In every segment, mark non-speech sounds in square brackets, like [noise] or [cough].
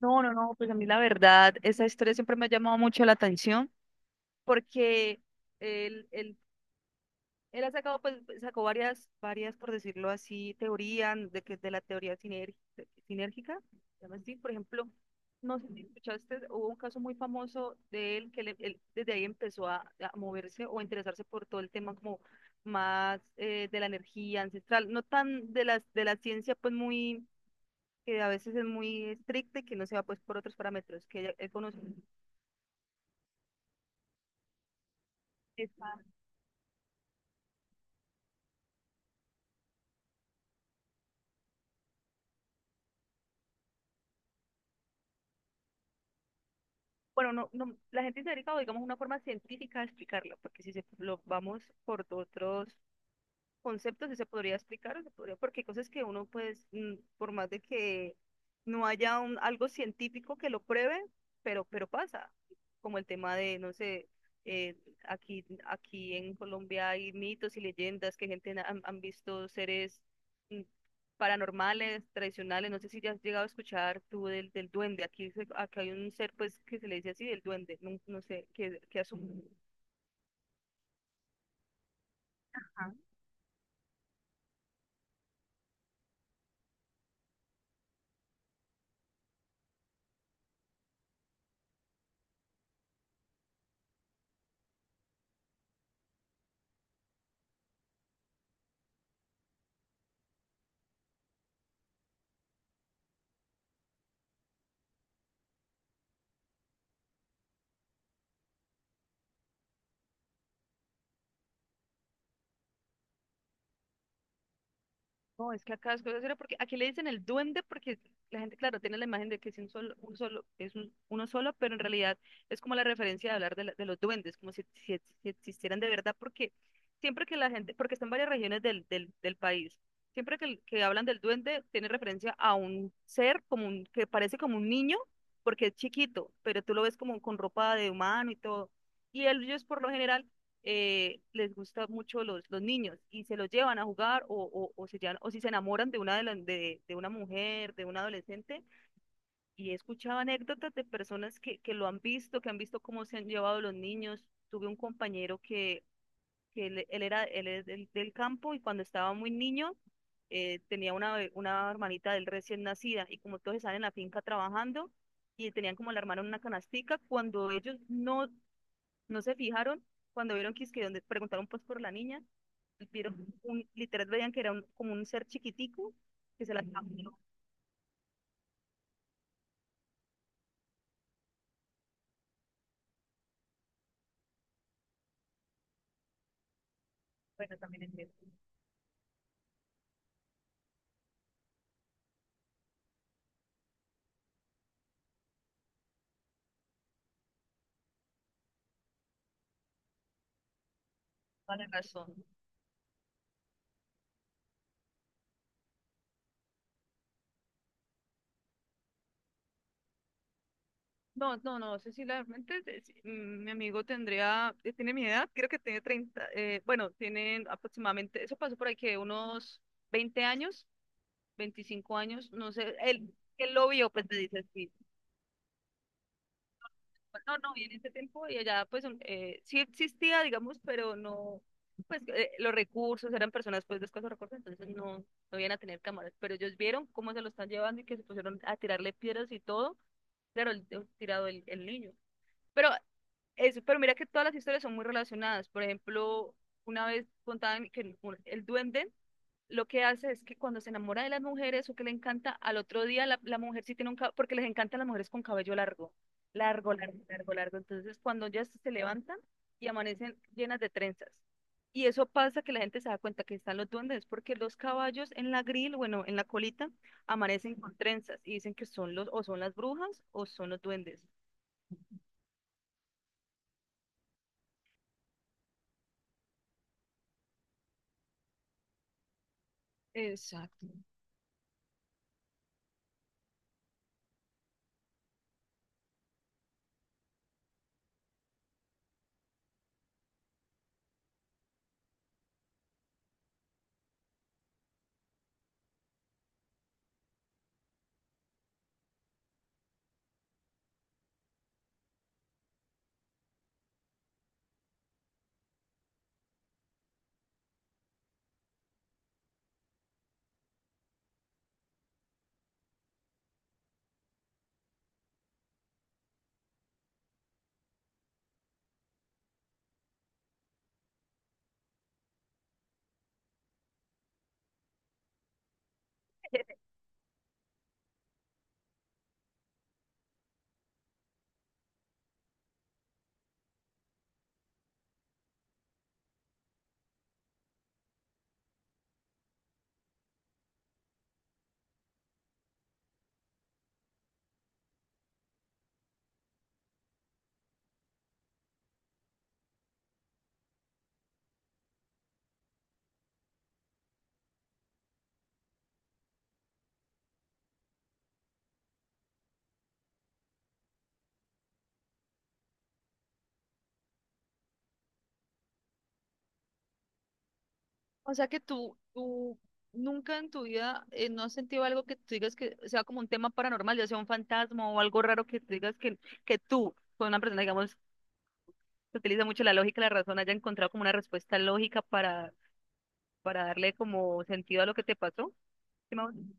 No, no, no, pues a mí la verdad, esa historia siempre me ha llamado mucho la atención porque él, él, él ha sacado, pues, sacó varias, por decirlo así, teorías de que de la teoría sinérgica, se llama así, por ejemplo, no sé si escuchaste, hubo un caso muy famoso de él que le- él desde ahí empezó a moverse o a interesarse por todo el tema como más de la energía ancestral, no tan de las de la ciencia, pues muy que a veces es muy estricta y que no se va pues por otros parámetros, que él conoce. esa- bueno, no, no, la gente se ha dedicado, digamos, una forma científica a explicarlo, porque si se, lo vamos por otros conceptos que se podría explicar, o se podría, porque hay cosas que uno, pues, por más de que no haya un, algo científico que lo pruebe, pero pasa, como el tema de, no sé, eh, aquí en Colombia hay mitos y leyendas que gente han visto seres mm, paranormales, tradicionales, no sé si ya has llegado a escuchar tú del duende, aquí, acá hay un ser, pues, que se le dice así, el duende, no, no sé, que asume. No, es que acá es cosa seria porque aquí le dicen el duende porque la gente, claro, tiene la imagen de que es un solo, es un- uno solo, pero en realidad es como la referencia de hablar de, de los duendes, como si existieran de verdad, porque siempre que la gente, porque está en varias regiones del país, siempre que, que hablan del duende, tiene referencia a un ser como un, que parece como un niño, porque es chiquito, pero tú lo ves como con ropa de humano y todo. Y ellos por lo general les gusta mucho los niños y se los llevan a jugar o o si se enamoran de una, de de una mujer, de un adolescente. Y he escuchado anécdotas de personas que lo han visto, que han visto cómo se han llevado los niños. Tuve un compañero que él es del campo y cuando estaba muy niño tenía una, una hermanita del recién nacida y como todos están en la finca trabajando y tenían como la hermana en una canastica, cuando ellos no se fijaron cuando vieron que es que donde preguntaron pues por la niña, vieron un, literal veían que era como un ser chiquitico que se la cambió. Bueno, también entiendo. Vale razón. No, no, no, Cecilia, realmente sí, mi amigo tendría, tiene mi edad, creo que tiene 30 bueno, tienen aproximadamente, eso pasó por ahí que unos 20 años, 25 años, no sé, él lo vio, pues me dice, sí. No, no, y en ese tiempo y allá pues sí existía, digamos, pero no, pues los recursos eran personas pues de escasos recursos, entonces no, no iban a tener cámaras, pero ellos vieron cómo se lo están llevando y que se pusieron a tirarle piedras y todo, claro, tirado el niño. Pero eso, pero mira que todas las historias son muy relacionadas, por ejemplo, una vez contaban que el duende lo que hace es que cuando se enamora de las mujeres o que le encanta, al otro día la mujer sí tiene un cabello, porque les encantan las mujeres con cabello largo, largo, largo, largo, largo. Entonces, cuando ya se levantan y amanecen llenas de trenzas. Y eso pasa que la gente se da cuenta que están los duendes, porque los caballos en la grill, bueno, en la colita, amanecen con trenzas y dicen que son los, o son las brujas o son los duendes. Exacto. [laughs] O sea que tú nunca en tu vida no has sentido algo que tú digas que sea como un tema paranormal, ya sea un fantasma o algo raro que tú digas que tú, con una persona, digamos, que utiliza mucho la lógica la razón, haya encontrado como una respuesta lógica para darle como sentido a lo que te pasó. ¿Sí me hago entender?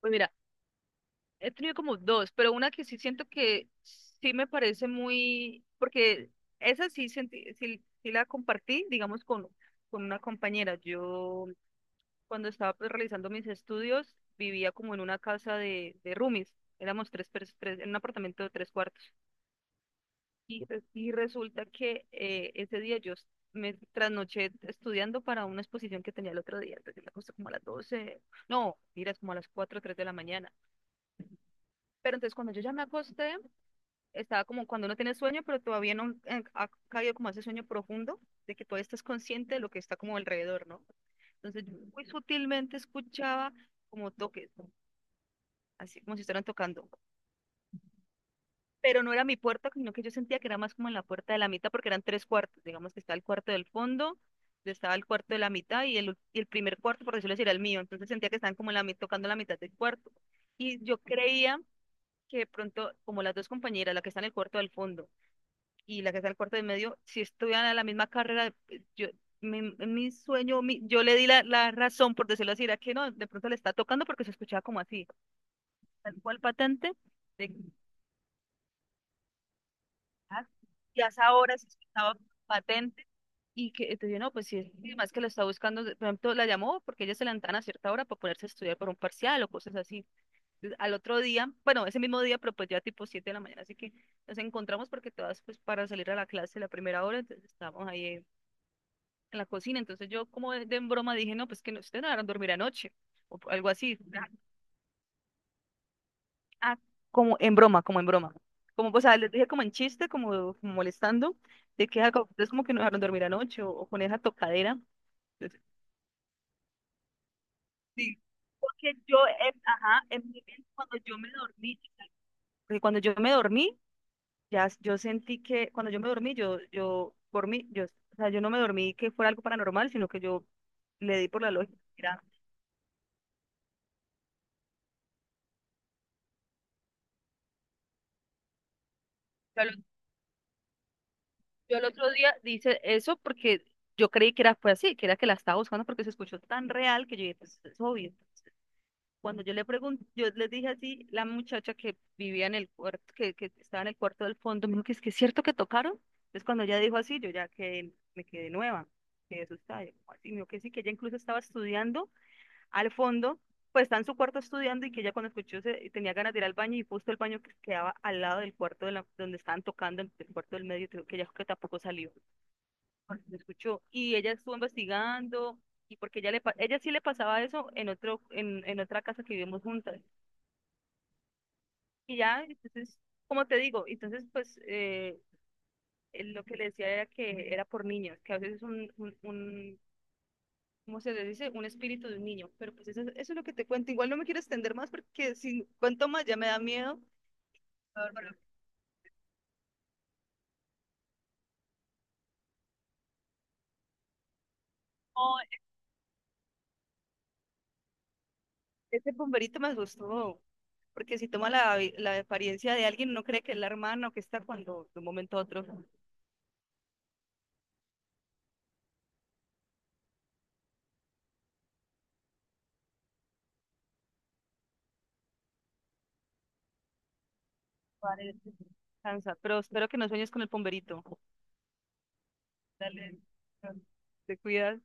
Pues mira, he tenido como dos, pero una que sí siento que sí me parece muy, porque esa sí, sí la compartí, digamos, con una compañera. Yo cuando estaba pues, realizando mis estudios, vivía como en una casa de roomies. Éramos tres, en un apartamento de tres cuartos. Y, y resulta que ese día me trasnoché estudiando para una exposición que tenía el otro día. Entonces me acosté como a las 12 no, miras como a las 4 o 3 de la mañana. Pero entonces cuando yo ya me acosté, estaba como cuando uno tiene sueño, pero todavía no ha caído como ese sueño profundo de que todavía estás consciente de lo que está como alrededor, ¿no? Entonces yo muy sutilmente escuchaba como toques, así como si estuvieran tocando. Pero no era mi puerta, sino que yo sentía que era más como en la puerta de la mitad, porque eran tres cuartos. Digamos que está el cuarto del fondo, yo estaba el cuarto de la mitad y el, y el primer cuarto, por decirlo así, era el mío. Entonces sentía que estaban como en la, tocando la mitad del cuarto. Y yo creía que de pronto, como las dos compañeras, la que está en el cuarto del fondo y la que está en el cuarto del medio, si estuvieran a la misma carrera, yo, mi sueño, yo le di la razón, por decirlo así, era que no, de pronto le está tocando porque se escuchaba como así, tal cual patente. De ya Y hasta ahora se estaba patente y que te dije, no, pues sí, es más que lo está buscando, por ejemplo, la llamó porque ella se levantaban a cierta hora para ponerse a estudiar por un parcial o cosas así. Entonces, al otro día, bueno, ese mismo día, pero pues ya tipo 7 de la mañana, así que nos encontramos porque todas pues para salir a la clase la primera hora, entonces estábamos ahí en la cocina, entonces yo como de en broma dije, no, pues que no, ustedes no van a dormir anoche o algo así. Ah, como en broma, como en broma. Como, o sea, les dije como en chiste, como, como molestando, de que ah, es como que no dejaron dormir anoche o con esa tocadera. Entonces, sí. Porque yo, ajá, en mi mente, cuando yo me dormí, porque cuando yo me dormí, yo sentí que, cuando yo me dormí, por mí yo, o sea, yo no me dormí que fuera algo paranormal, sino que yo le di por la lógica. Yo al yo al otro día dice eso porque yo creí que era, fue así, que era que la estaba buscando porque se escuchó tan real que yo dije, pues es obvio. Cuando yo le pregunté, yo les dije así, la muchacha que vivía en el cuarto, que estaba en el cuarto del fondo, me dijo que es cierto que tocaron. Entonces cuando ella dijo así, yo ya que me quedé nueva, quedé asustada. Yo, "¿Cómo así?". Me dijo que sí, que ella incluso estaba estudiando al fondo, pues está en su cuarto estudiando y que ella cuando escuchó se, tenía ganas de ir al baño y justo el baño que quedaba al lado del cuarto de la, donde estaban tocando, el cuarto del medio, creo que ella dijo que tampoco salió, porque se escuchó. Y ella estuvo investigando y porque ella sí le pasaba eso en otro en otra casa que vivimos juntas y ya, entonces, como te digo, entonces, pues, él lo que le decía era que era por niños, que a veces es ¿cómo se le dice? Un espíritu de un niño. Pero pues eso es lo que te cuento. Igual no me quiero extender más porque si cuento más ya me da miedo. A ver, pero, oh, ese bomberito me asustó. Porque si toma la, la apariencia de alguien, uno cree que es la hermana o que está cuando de un momento a otro parece. Cansa. Pero espero que no sueñes con el bomberito. Dale. Te cuidas.